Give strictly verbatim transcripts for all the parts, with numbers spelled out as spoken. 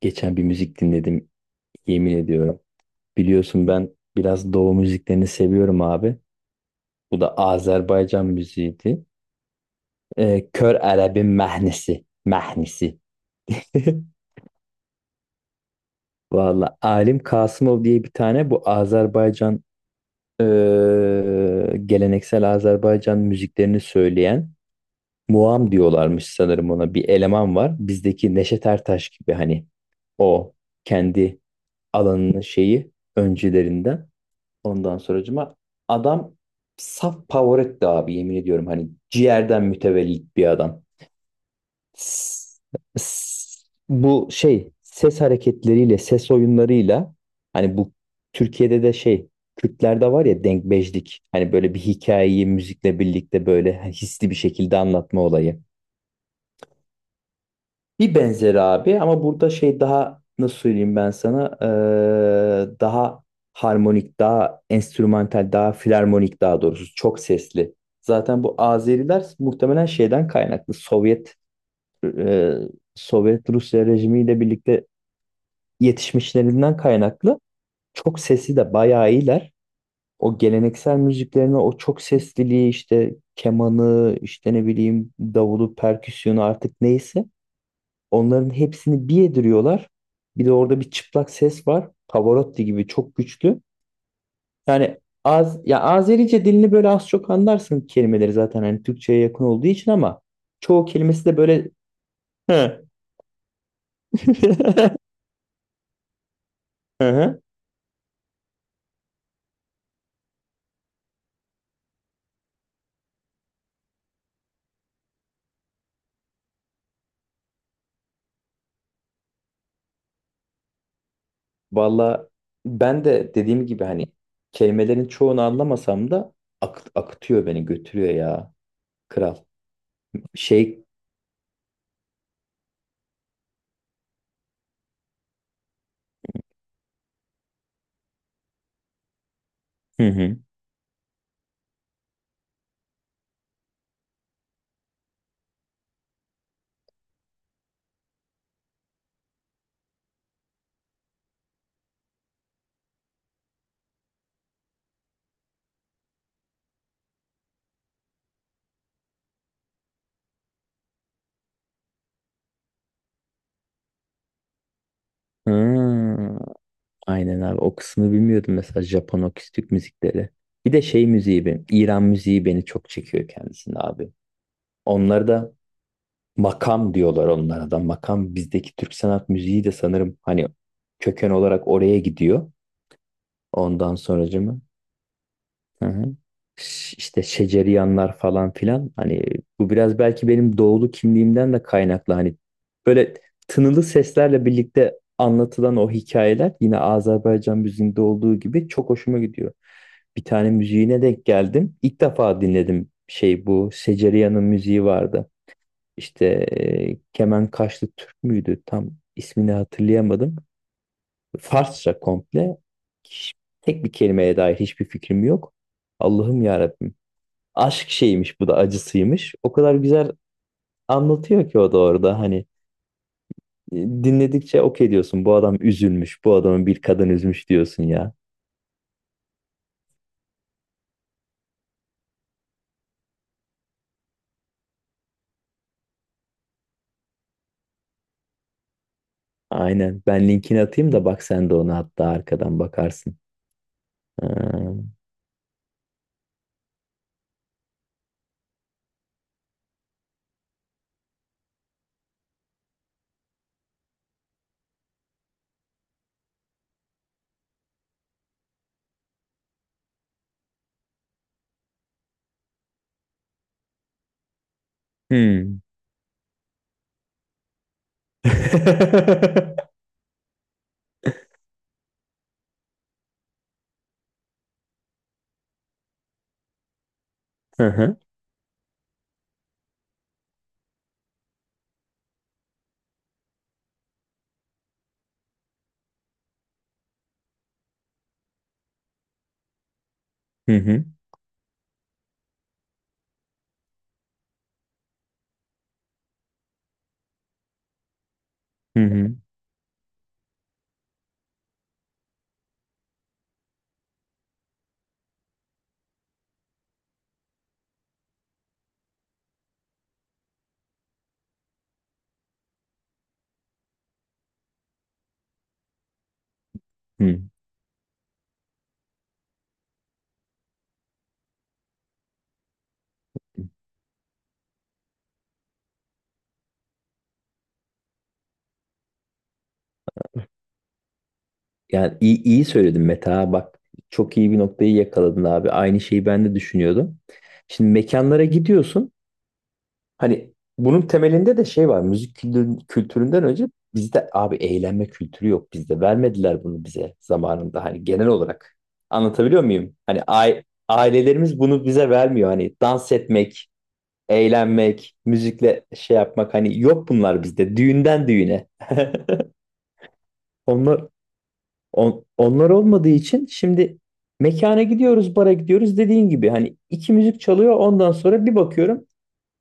Geçen bir müzik dinledim, yemin ediyorum. Biliyorsun ben biraz Doğu müziklerini seviyorum abi. Bu da Azerbaycan müziğiydi. Ee, Kör Arab'ın mehnesi. Mehnesi. Valla Alim Kasımov diye bir tane bu Azerbaycan eee, geleneksel Azerbaycan müziklerini söyleyen Muam diyorlarmış sanırım ona bir eleman var. Bizdeki Neşet Ertaş gibi hani o kendi alanının şeyi öncülerinden. Ondan sonracıma adam saf Pavarotti abi, yemin ediyorum, hani ciğerden mütevellit bir adam. S- s- Bu şey ses hareketleriyle, ses oyunlarıyla, hani bu Türkiye'de de şey, Kürtlerde var ya denkbejlik, hani böyle bir hikayeyi müzikle birlikte böyle hisli bir şekilde anlatma olayı. Bir benzeri abi, ama burada şey, daha nasıl söyleyeyim ben sana, eee, daha harmonik, daha enstrümantal, daha filarmonik, daha doğrusu çok sesli. Zaten bu Azeriler muhtemelen şeyden kaynaklı, Sovyet eee, Sovyet Rusya rejimiyle birlikte yetişmişlerinden kaynaklı, çok sesi de bayağı iyiler. O geleneksel müziklerine o çok sesliliği, işte kemanı, işte ne bileyim davulu, perküsyonu, artık neyse onların hepsini bir yediriyorlar. Bir de orada bir çıplak ses var. Pavarotti gibi çok güçlü. Yani az ya, Azerice dilini böyle az çok anlarsın, kelimeleri zaten hani Türkçeye yakın olduğu için, ama çoğu kelimesi de böyle. Hı. Hı hı. Valla ben de dediğim gibi hani kelimelerin çoğunu anlamasam da ak- akıtıyor, beni götürüyor ya, kral. Şey, hı hı. Hı. Aynen abi, o kısmını bilmiyordum mesela, Japon akustik müzikleri. Bir de şey müziği benim, İran müziği beni çok çekiyor kendisini abi. Onları da makam diyorlar, onlara da makam. Bizdeki Türk sanat müziği de sanırım hani köken olarak oraya gidiyor. Ondan sonracığım. Hı hı. Ş- işte şeceriyanlar falan filan, hani bu biraz belki benim doğulu kimliğimden de kaynaklı, hani böyle tınılı seslerle birlikte anlatılan o hikayeler, yine Azerbaycan müziğinde olduğu gibi, çok hoşuma gidiyor. Bir tane müziğine denk geldim. İlk defa dinledim şey, bu Seceriyan'ın müziği vardı. İşte e, Kemenkaşlı Türk müydü? Tam ismini hatırlayamadım. Farsça komple. Hiç- Tek bir kelimeye dair hiçbir fikrim yok. Allah'ım ya Rabbim. Aşk şeymiş, bu da acısıymış. O kadar güzel anlatıyor ki o da orada hani, e, dinledikçe okey diyorsun. Bu adam üzülmüş. Bu adamı bir kadın üzmüş diyorsun ya. Aynen. Ben linkini atayım da bak, sen de ona hatta arkadan bakarsın. Ha. Hmm. Hı hı. Hı hı. Hı hı. Hı hı. Yani iyi, iyi söyledin Mete ha. Bak, çok iyi bir noktayı yakaladın abi. Aynı şeyi ben de düşünüyordum. Şimdi mekanlara gidiyorsun. Hani bunun temelinde de şey var. Müzik kültürün- kültüründen önce bizde abi, eğlenme kültürü yok bizde. Vermediler bunu bize zamanında. Hani genel olarak. Anlatabiliyor muyum? Hani ai- ailelerimiz bunu bize vermiyor. Hani dans etmek, eğlenmek, müzikle şey yapmak. Hani yok bunlar bizde. Düğünden düğüne. Onlar, On- onlar olmadığı için şimdi mekana gidiyoruz, bara gidiyoruz, dediğin gibi hani, iki müzik çalıyor, ondan sonra bir bakıyorum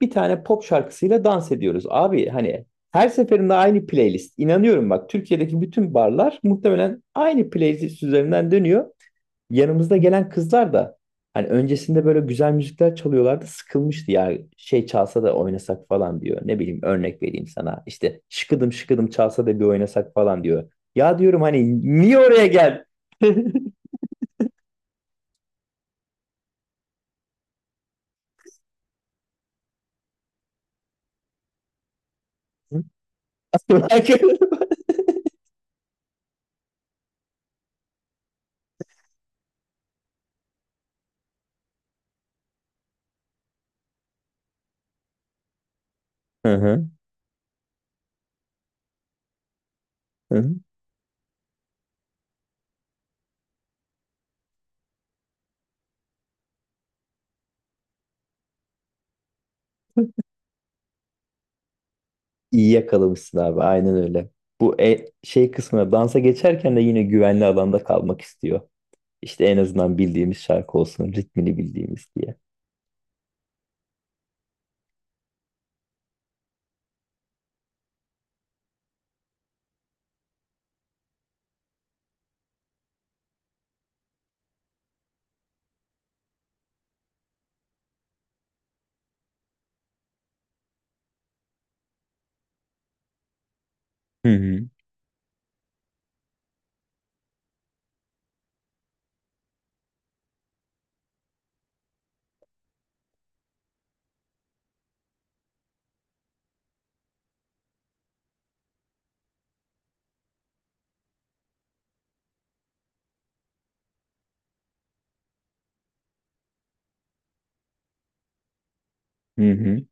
bir tane pop şarkısıyla dans ediyoruz. Abi hani her seferinde aynı playlist. İnanıyorum bak, Türkiye'deki bütün barlar muhtemelen aynı playlist üzerinden dönüyor. Yanımızda gelen kızlar da hani öncesinde böyle güzel müzikler çalıyorlardı, sıkılmıştı ya, şey çalsa da oynasak falan diyor. Ne bileyim örnek vereyim sana. İşte şıkıdım şıkıdım çalsa da bir oynasak falan diyor. Ya diyorum hani, niye oraya gel? Hı hı, hı hı. İyi yakalamışsın abi, aynen öyle. Bu e- şey kısmına, dansa geçerken de yine güvenli alanda kalmak istiyor. İşte en azından bildiğimiz şarkı olsun, ritmini bildiğimiz diye. Hı hı, hı hı,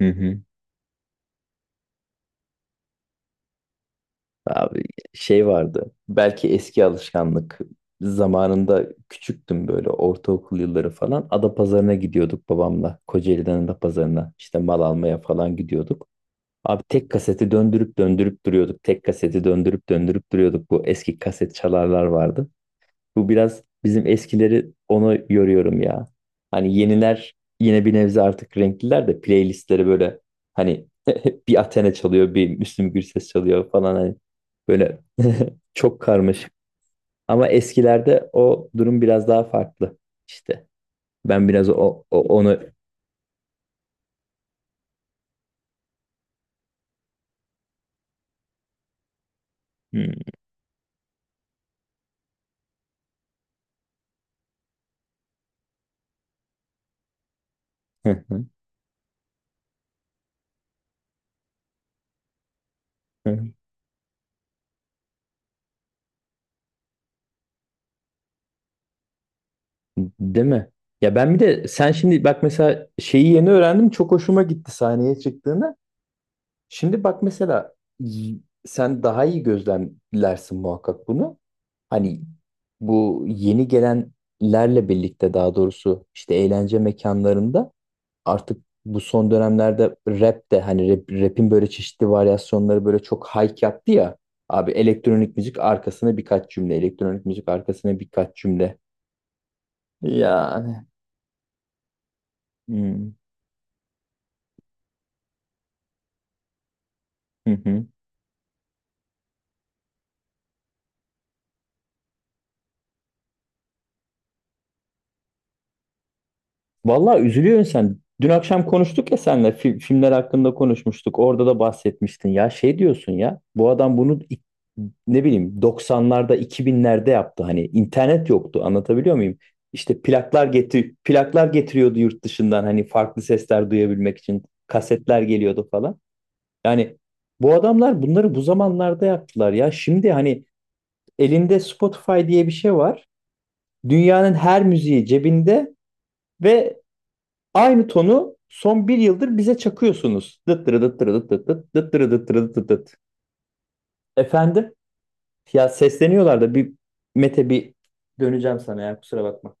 hı hı. Abi şey vardı. Belki eski alışkanlık. Zamanında küçüktüm, böyle ortaokul yılları falan. Adapazarı'na gidiyorduk babamla. Kocaeli'den Adapazarı'na işte mal almaya falan gidiyorduk. Abi tek kaseti döndürüp döndürüp duruyorduk. Tek kaseti döndürüp döndürüp duruyorduk. Bu eski kaset çalarlar vardı. Bu biraz bizim eskileri onu yoruyorum ya. Hani yeniler yine bir nebze artık renkliler de playlistleri, böyle hani, bir Athena çalıyor, bir Müslüm Gürses çalıyor falan, hani böyle, çok karmaşık. Ama eskilerde o durum biraz daha farklı işte. Ben biraz o, o- onu. Hmm. Değil mi? Ya ben bir de, sen şimdi bak mesela, şeyi yeni öğrendim, çok hoşuma gitti sahneye çıktığında. Şimdi bak mesela, y- sen daha iyi gözlemlersin muhakkak bunu. Hani bu yeni gelenlerle birlikte, daha doğrusu işte eğlence mekanlarında, artık bu son dönemlerde rap de, hani rap, rap'in böyle çeşitli varyasyonları böyle çok hype yaptı ya. Abi elektronik müzik arkasına birkaç cümle, elektronik müzik arkasına birkaç cümle. Yani. Hmm. Vallahi üzülüyorsun sen. Dün akşam konuştuk ya seninle, fil- filmler hakkında konuşmuştuk. Orada da bahsetmiştin. Ya şey diyorsun ya, bu adam bunu ik- ne bileyim doksanlarda, iki binlerde yaptı. Hani internet yoktu. Anlatabiliyor muyum? İşte plaklar getir, plaklar getiriyordu yurt dışından, hani farklı sesler duyabilmek için. Kasetler geliyordu falan. Yani bu adamlar bunları bu zamanlarda yaptılar ya. Şimdi hani elinde Spotify diye bir şey var. Dünyanın her müziği cebinde, ve aynı tonu son bir yıldır bize çakıyorsunuz. Dıt dırı dıt dırı dıt dıt dıt dıt dırı dıt dırı dıt dıt. Efendim? Ya sesleniyorlar da, bir Mete, bir döneceğim sana ya, kusura bakma.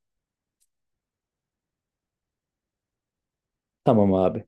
Tamam abi.